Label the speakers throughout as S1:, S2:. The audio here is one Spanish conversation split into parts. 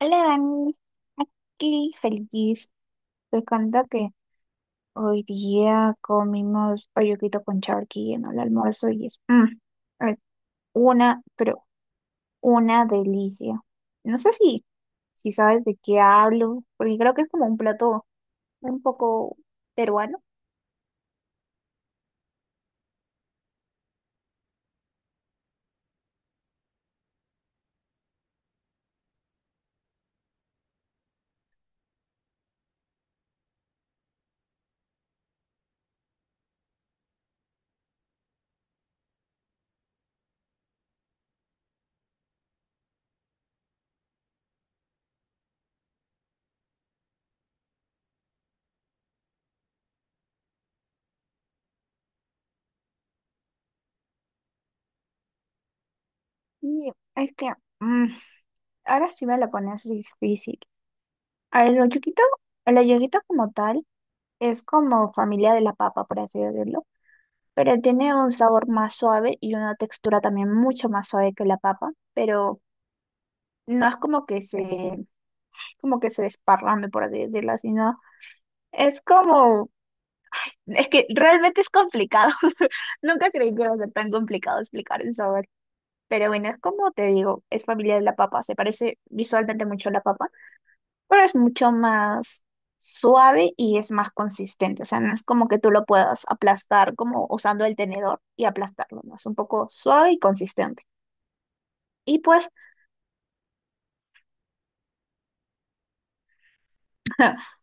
S1: Hola Dani, aquí feliz. Te cuento que hoy día comimos olluquito con charqui en el almuerzo y es una, pero una delicia. No sé si sabes de qué hablo, porque creo que es como un plato un poco peruano. Y es que mm, ahora sí me la pones difícil. El olluquito, el olluquito como tal es como familia de la papa, por así decirlo, pero tiene un sabor más suave y una textura también mucho más suave que la papa, pero no es como que se desparrame, por así decirlo, sino es como, es que realmente es complicado. Nunca creí que iba a ser tan complicado explicar el sabor. Pero bueno, es como te digo, es familia de la papa, se parece visualmente mucho a la papa, pero es mucho más suave y es más consistente, o sea, no es como que tú lo puedas aplastar como usando el tenedor y aplastarlo, ¿no? Es un poco suave y consistente. Y pues,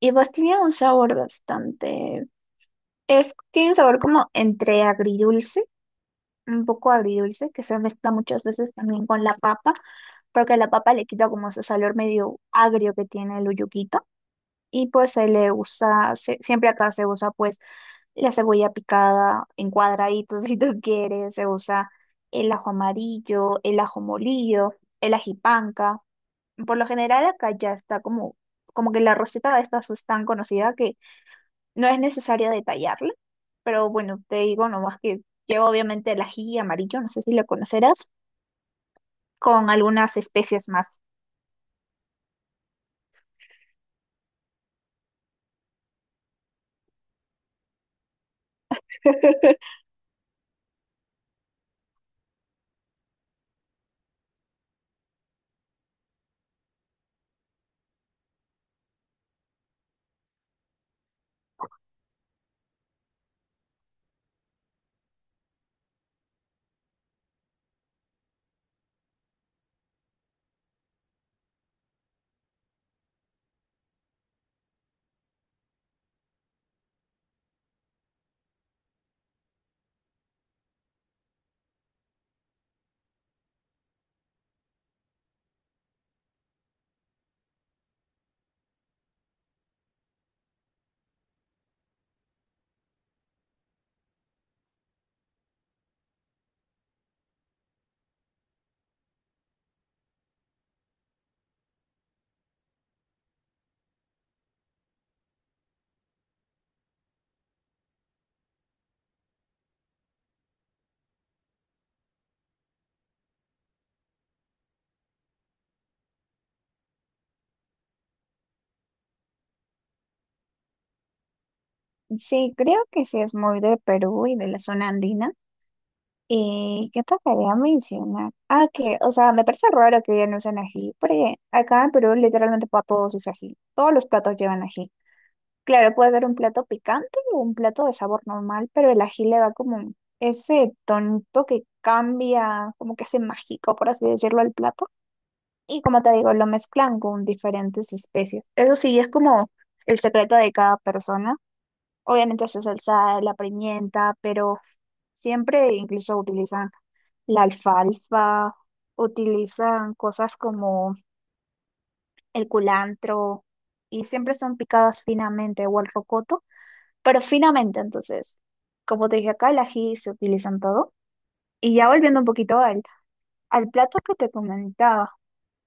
S1: y pues tenía un sabor bastante, tiene un sabor como entre agridulce, un poco agridulce, que se mezcla muchas veces también con la papa, porque la papa le quita como ese sabor medio agrio que tiene el uyuquito. Y pues se le usa, siempre acá se usa pues la cebolla picada en cuadraditos si tú quieres, se usa el ajo amarillo, el ajo molillo, el ajipanca. Por lo general acá ya está como, como que la receta de estas es tan conocida que no es necesario detallarla, pero bueno, te digo nomás que lleva obviamente el ají amarillo, no sé si lo conocerás, con algunas especies más. Sí, creo que sí es muy de Perú y de la zona andina. ¿Y qué te quería mencionar? Ah, que, o sea, me parece raro que ya no usen ají, porque acá en Perú literalmente para todos usan ají. Todos los platos llevan ají. Claro, puede ser un plato picante o un plato de sabor normal, pero el ají le da como ese tonito que cambia, como que hace mágico, por así decirlo, al plato. Y como te digo, lo mezclan con diferentes especies. Eso sí, es como el secreto de cada persona. Obviamente su salsa, la pimienta, pero siempre incluso utilizan la alfalfa, utilizan cosas como el culantro y siempre son picadas finamente o el rocoto, pero finamente. Entonces, como te dije acá, el ají se utiliza en todo. Y ya volviendo un poquito al plato que te comentaba.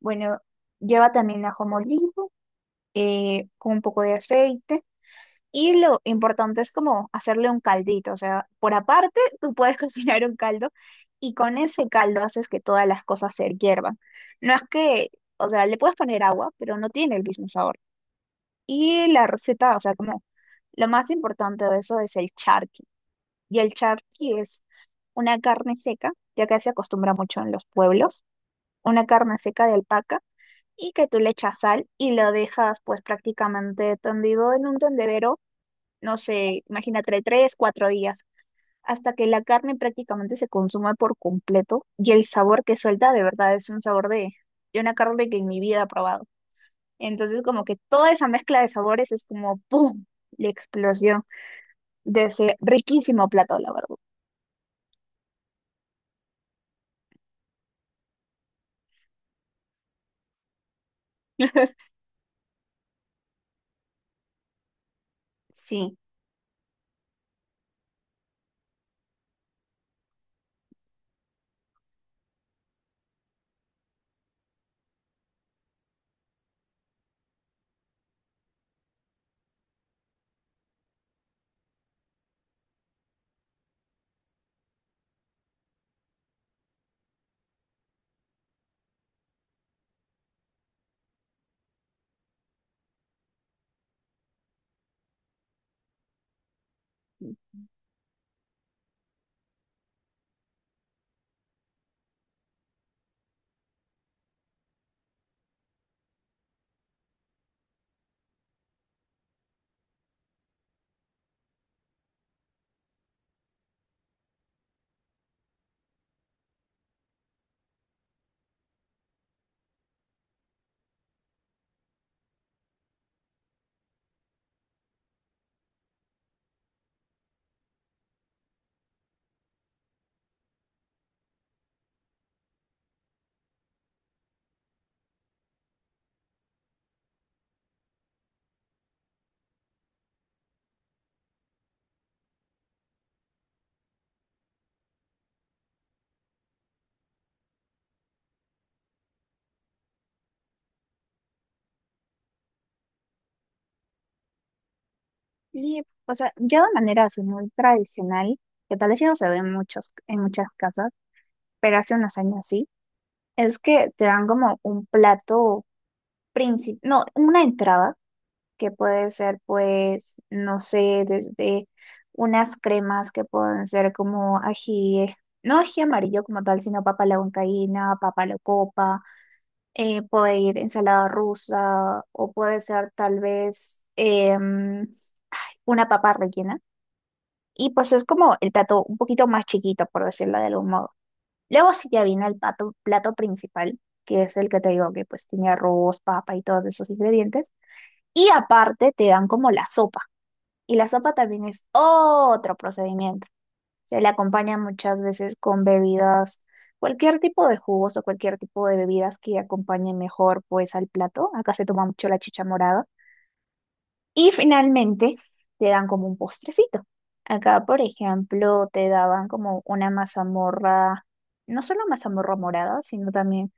S1: Bueno, lleva también ajo molido, con un poco de aceite. Y lo importante es como hacerle un caldito. O sea, por aparte, tú puedes cocinar un caldo y con ese caldo haces que todas las cosas se hiervan. No es que, o sea, le puedes poner agua, pero no tiene el mismo sabor. Y la receta, o sea, como lo más importante de eso es el charqui. Y el charqui es una carne seca, ya que se acostumbra mucho en los pueblos, una carne seca de alpaca, y que tú le echas sal y lo dejas pues prácticamente tendido en un tendedero, no sé, imagínate 3, 4 días, hasta que la carne prácticamente se consuma por completo, y el sabor que suelta de verdad es un sabor de una carne que en mi vida he probado. Entonces, como que toda esa mezcla de sabores es como ¡pum!, la explosión de ese riquísimo plato, la verdad. Sí. Y, o sea, ya de manera así muy tradicional, que tal vez ya no se ve en muchas casas, pero hace unos años sí, es que te dan como un plato principal, no, una entrada, que puede ser pues, no sé, desde unas cremas que pueden ser como ají, no ají amarillo como tal, sino papa a la huancaína, papa a la copa, puede ir ensalada rusa, o puede ser tal vez em, una papa rellena. Y pues es como el plato un poquito más chiquito, por decirlo de algún modo. Luego sí ya viene el plato, plato principal, que es el que te digo que pues tiene arroz, papa y todos esos ingredientes. Y aparte te dan como la sopa. Y la sopa también es otro procedimiento. Se le acompaña muchas veces con bebidas, cualquier tipo de jugos o cualquier tipo de bebidas que acompañe mejor pues al plato. Acá se toma mucho la chicha morada, y finalmente te dan como un postrecito. Acá, por ejemplo, te daban como una mazamorra, no solo mazamorra morada, sino también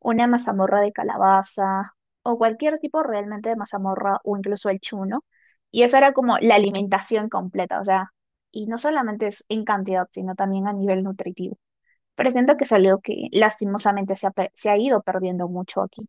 S1: una mazamorra de calabaza o cualquier tipo realmente de mazamorra o incluso el chuno. Y esa era como la alimentación completa, o sea, y no solamente es en cantidad, sino también a nivel nutritivo. Pero siento que es algo que lastimosamente se ha ido perdiendo mucho aquí.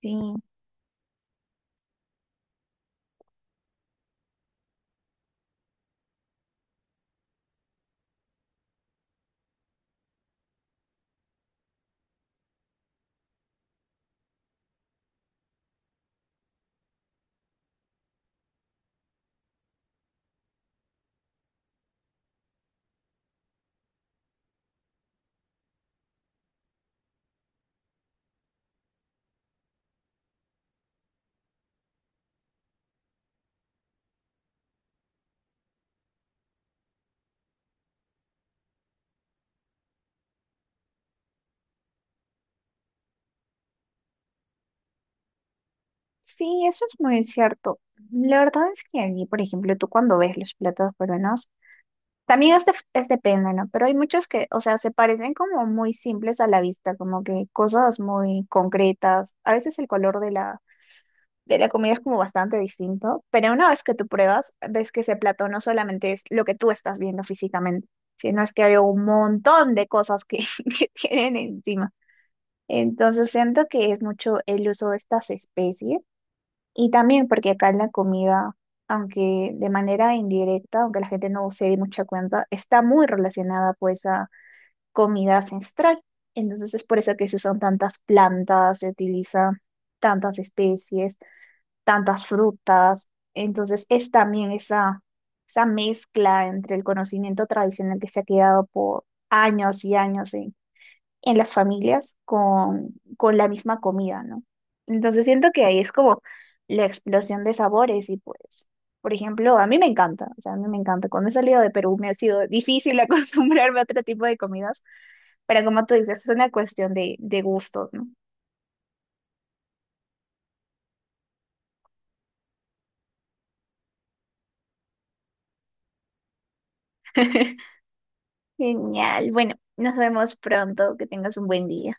S1: Sí. Sí, eso es muy cierto. La verdad es que aquí, por ejemplo, tú cuando ves los platos peruanos, también es depende, ¿no? Pero hay muchos que, o sea, se parecen como muy simples a la vista, como que cosas muy concretas. A veces el color de de la comida es como bastante distinto, pero una vez que tú pruebas, ves que ese plato no solamente es lo que tú estás viendo físicamente, sino es que hay un montón de cosas que, que tienen encima. Entonces siento que es mucho el uso de estas especies, y también porque acá en la comida, aunque de manera indirecta, aunque la gente no se dé mucha cuenta, está muy relacionada pues a comida ancestral. Entonces es por eso que se usan tantas plantas, se utilizan tantas especies, tantas frutas. Entonces es también esa mezcla entre el conocimiento tradicional que se ha quedado por años y años en las familias con la misma comida, ¿no? Entonces siento que ahí es como la explosión de sabores y pues, por ejemplo, a mí me encanta, o sea, a mí me encanta. Cuando he salido de Perú me ha sido difícil acostumbrarme a otro tipo de comidas, pero como tú dices, es una cuestión de gustos, ¿no? Genial, bueno, nos vemos pronto, que tengas un buen día.